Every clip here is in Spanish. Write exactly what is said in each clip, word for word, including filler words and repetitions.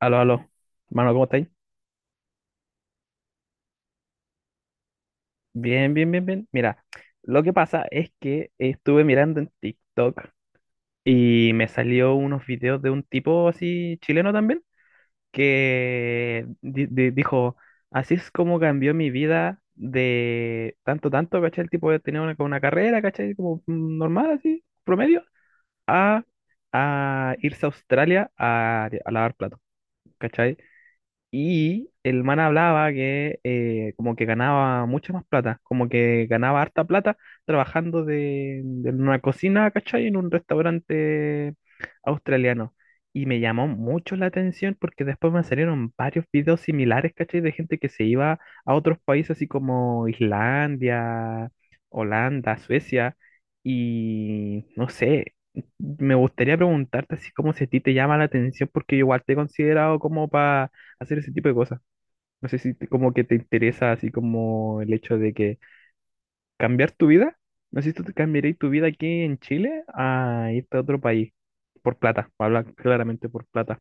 Aló, aló. Mano, ¿cómo estáis? Bien, bien, bien, bien. Mira, lo que pasa es que estuve mirando en TikTok y me salió unos videos de un tipo así chileno también que di- di- dijo, así es como cambió mi vida de tanto, tanto, ¿cachai? El tipo tenía una, como una carrera, ¿cachai? Como mm, normal, así, promedio, a, a irse a Australia a, a lavar platos, ¿cachai? Y el man hablaba que eh, como que ganaba mucha más plata, como que ganaba harta plata trabajando de, de una cocina, ¿cachai? En un restaurante australiano. Y me llamó mucho la atención porque después me salieron varios videos similares, ¿cachai? De gente que se iba a otros países así como Islandia, Holanda, Suecia. Y no sé, me gustaría preguntarte así como si a ti te llama la atención porque yo igual te he considerado como para hacer ese tipo de cosas. No sé si te- como que te interesa así como el hecho de que cambiar tu vida. No sé si tú te cambiarías tu vida aquí en Chile a irte a otro país por plata, habla claramente por plata,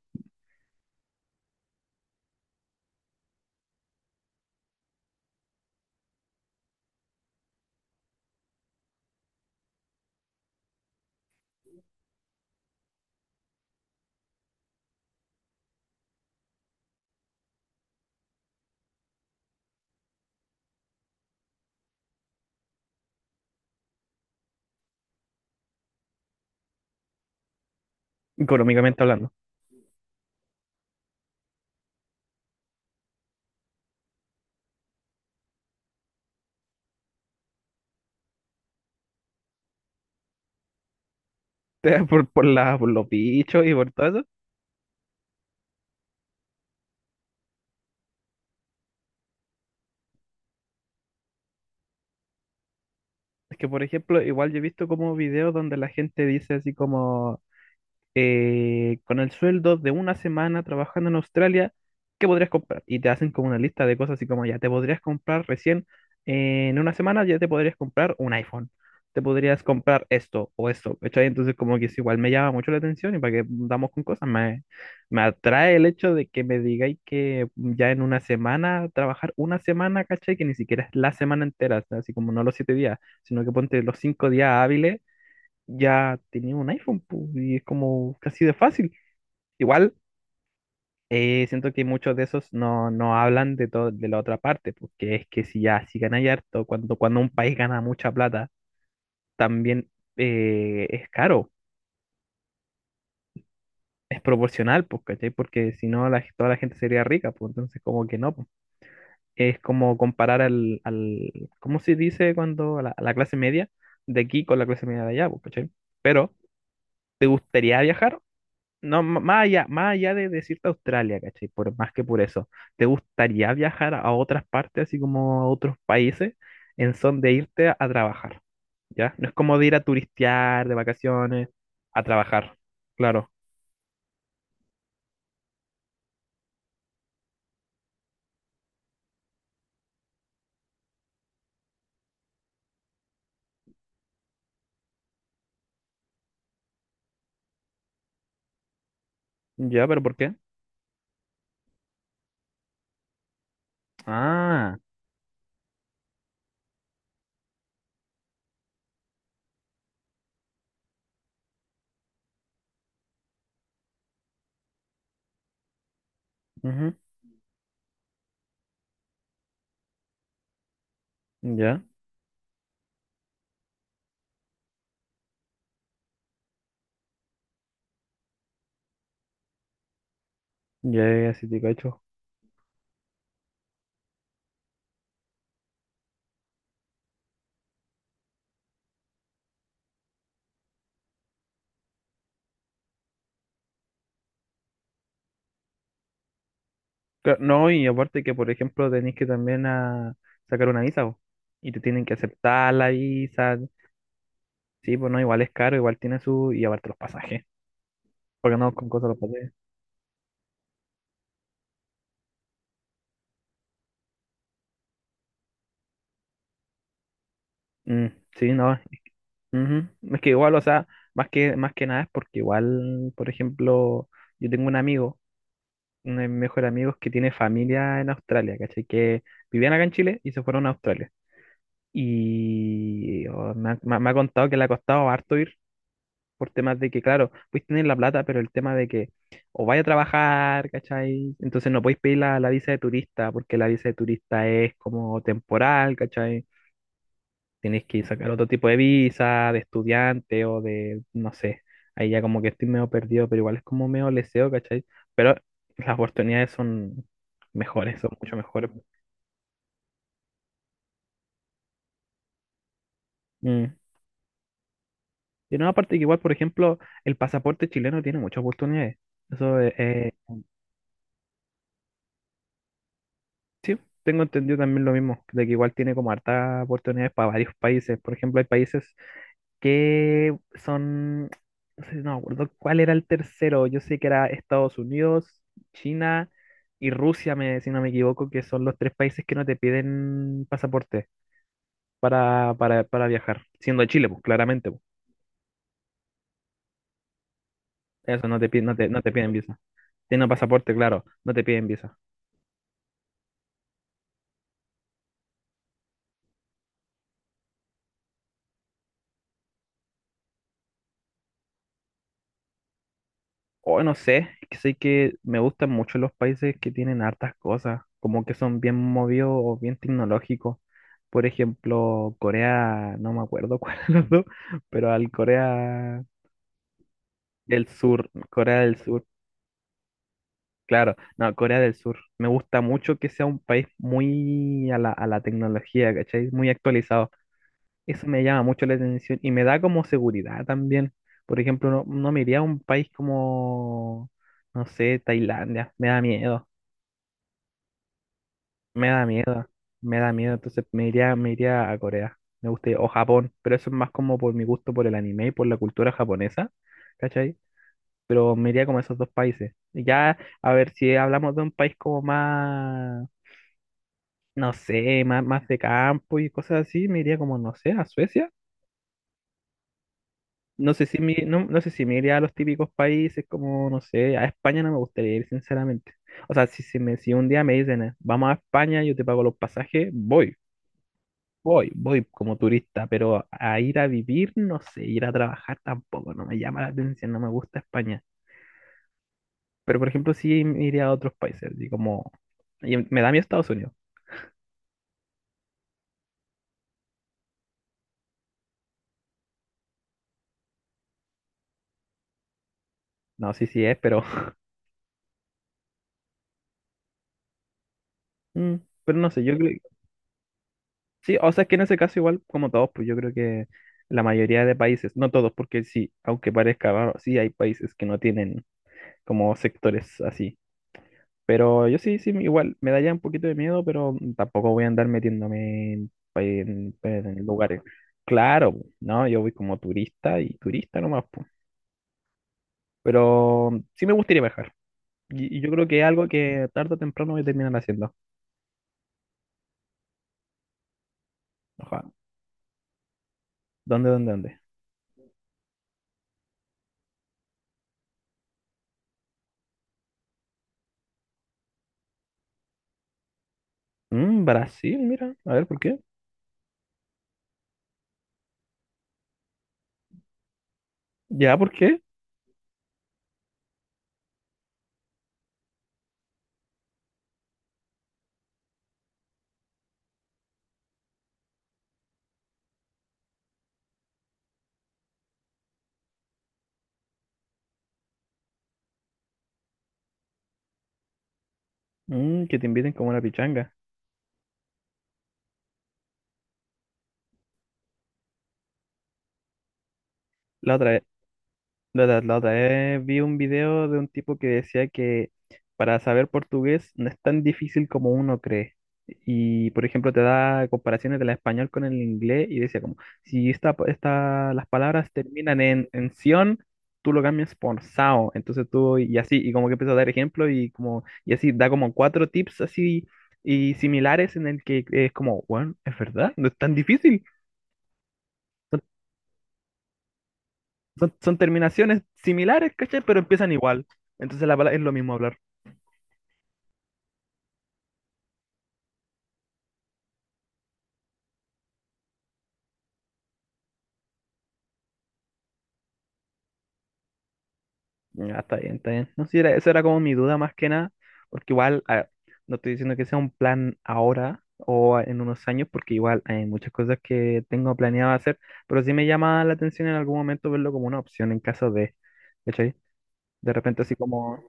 económicamente hablando. Por, por, la, por los bichos y por todo eso. Es que, por ejemplo, igual yo he visto como videos donde la gente dice así como, eh, con el sueldo de una semana trabajando en Australia, ¿qué podrías comprar? Y te hacen como una lista de cosas así como ya te podrías comprar recién eh, en una semana, ya te podrías comprar un iPhone, te podrías comprar esto o esto, ¿cachai? Entonces como que es igual me llama mucho la atención y para que damos con cosas, me, me atrae el hecho de que me digáis que ya en una semana, trabajar una semana, ¿cachai? Que ni siquiera es la semana entera, así como no los siete días, sino que ponte los cinco días hábiles ya tenía un iPhone, pu, y es como casi de fácil. Igual, eh, siento que muchos de esos no, no hablan de todo, de la otra parte, porque es que si ya, si ganáis harto, cuando, cuando un país gana mucha plata, también eh, es caro, es proporcional, pues, ¿cachai? Porque si no, la, toda la gente sería rica, pues, entonces como que no, pues. Es como comparar al, al, ¿cómo se dice cuando a la, a la clase media de aquí con la clase media de allá, pues, ¿cachai? Pero, ¿te gustaría viajar? No, m- más allá, más allá de decirte Australia, ¿cachai? Por más que por eso, ¿te gustaría viajar a otras partes, así como a otros países, en son de irte a, a trabajar? ¿Ya? No es como de ir a turistear, de vacaciones, a trabajar. Claro. ¿Ya? ¿Pero por qué? Ah, ujú, ya, ya, ya, sí te cacho. Cla- No, y aparte que, por ejemplo, tenés que también a sacar una visa, po, y te tienen que aceptar la visa. Sí, pues no, igual es caro, igual tiene su, y aparte los pasajes. Porque no con cosas los pasajes. Mm, sí, no. Ujú. Es que igual, o sea, más que, más que nada es porque igual, por ejemplo, yo tengo un amigo, uno de mis mejores amigos que tiene familia en Australia, ¿cachai? Que vivían acá en Chile y se fueron a Australia. Y oh, me ha, me ha- me ha contado que le ha costado harto ir por temas de que, claro, puedes tener la plata, pero el tema de que o vaya a trabajar, ¿cachai? Entonces no podéis pedir la, la visa de turista porque la visa de turista es como temporal, ¿cachai? Tienes que sacar otro tipo de visa, de estudiante o de, no sé, ahí ya como que estoy medio perdido, pero igual es como medio leseo, ¿cachai? Pero las oportunidades son mejores, son mucho mejores. Mm. Y no, aparte que igual, por ejemplo, el pasaporte chileno tiene muchas oportunidades. Eso eh, eh, sí, tengo entendido también lo mismo, de que igual tiene como hartas oportunidades para varios países. Por ejemplo, hay países que son, no sé, no me acuerdo cuál era el tercero, yo sé que era Estados Unidos, China y Rusia, me, si no me equivoco, que son los tres países que no te piden pasaporte para, para, para viajar, siendo Chile, pues claramente, pues. Eso no te, pi- no te, no te piden visa. Teniendo pasaporte, claro, no te piden visa. O no sé, es que sé que me gustan mucho los países que tienen hartas cosas, como que son bien movidos o bien tecnológicos. Por ejemplo, Corea, no me acuerdo cuál es, los dos, pero al Corea del Sur, Corea del Sur, claro, no, Corea del Sur. Me gusta mucho que sea un país muy a la, a la tecnología, ¿cachai? Muy actualizado. Eso me llama mucho la atención y me da como seguridad también. Por ejemplo, no, no me iría a un país como, no sé, Tailandia, me da miedo. Me da miedo, me da miedo, entonces me iría, me iría a Corea, me gustaría, o Japón, pero eso es más como por mi gusto por el anime y por la cultura japonesa, ¿cachai? Pero me iría como a esos dos países. Y ya, a ver, si hablamos de un país como más, no sé, más, más de campo y cosas así, me iría como, no sé, a Suecia. No sé si me, no, no sé si me iría a los típicos países como, no sé, a España no me gustaría ir, sinceramente. O sea, si, si, me, si un día me dicen, eh, vamos a España, yo te pago los pasajes, voy. Voy, voy como turista, pero a ir a vivir, no sé, ir a trabajar tampoco, no me llama la atención, no me gusta España. Pero por ejemplo, sí iría a otros países, así como... Y em, me da miedo Estados Unidos. No, sí, sí es, pero... mm, Pero no sé, yo creo... Sí, o sea, es que en ese caso igual como todos, pues yo creo que la mayoría de países, no todos, porque sí, aunque parezca raro, sí hay países que no tienen como sectores así. Pero yo sí, sí, igual me da ya un poquito de miedo, pero tampoco voy a andar metiéndome en, en- en lugares. Claro, po, no, yo voy como turista y turista nomás, po. Pero sí me gustaría viajar. Y, y yo creo que es algo que tarde o temprano voy a terminar haciendo. Ojalá. ¿Dónde, dónde, dónde? Mm, Brasil, mira. A ver, ¿por qué? ¿Ya, por qué? Mm, que te inviten como una pichanga. La otra La, la- la otra vez vi un video de un tipo que decía que para saber portugués no es tan difícil como uno cree. Y, por ejemplo, te da comparaciones del español con el inglés y decía como, si esta, esta, las palabras terminan en, en ción, tú lo cambias por sao. Entonces tú, y así, y como que empezó a dar ejemplo y como, y así, da como cuatro tips así y similares en el que es como, bueno, es verdad, no es tan difícil. Son, son terminaciones similares, ¿cachai? Pero empiezan igual. Entonces la palabra es lo mismo hablar. Ya, está bien, está bien. No sé, era, esa era como mi duda más que nada, porque igual, a ver, no estoy diciendo que sea un plan ahora o en unos años, porque igual hay muchas cosas que tengo planeado hacer, pero sí me llama la atención en algún momento verlo como una opción en caso de, ¿cachai? De repente así como,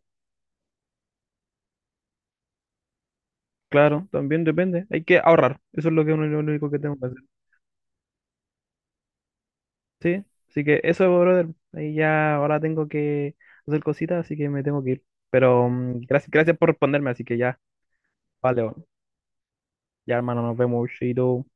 claro, también depende, hay que ahorrar, eso es lo que uno, lo único que tengo que hacer. Sí, así que eso, brother. Ahí ya ahora tengo que hacer cositas, así que me tengo que ir. Pero mm, gracias, gracias por responderme, así que ya, vale, ya hermano, nos vemos, chido.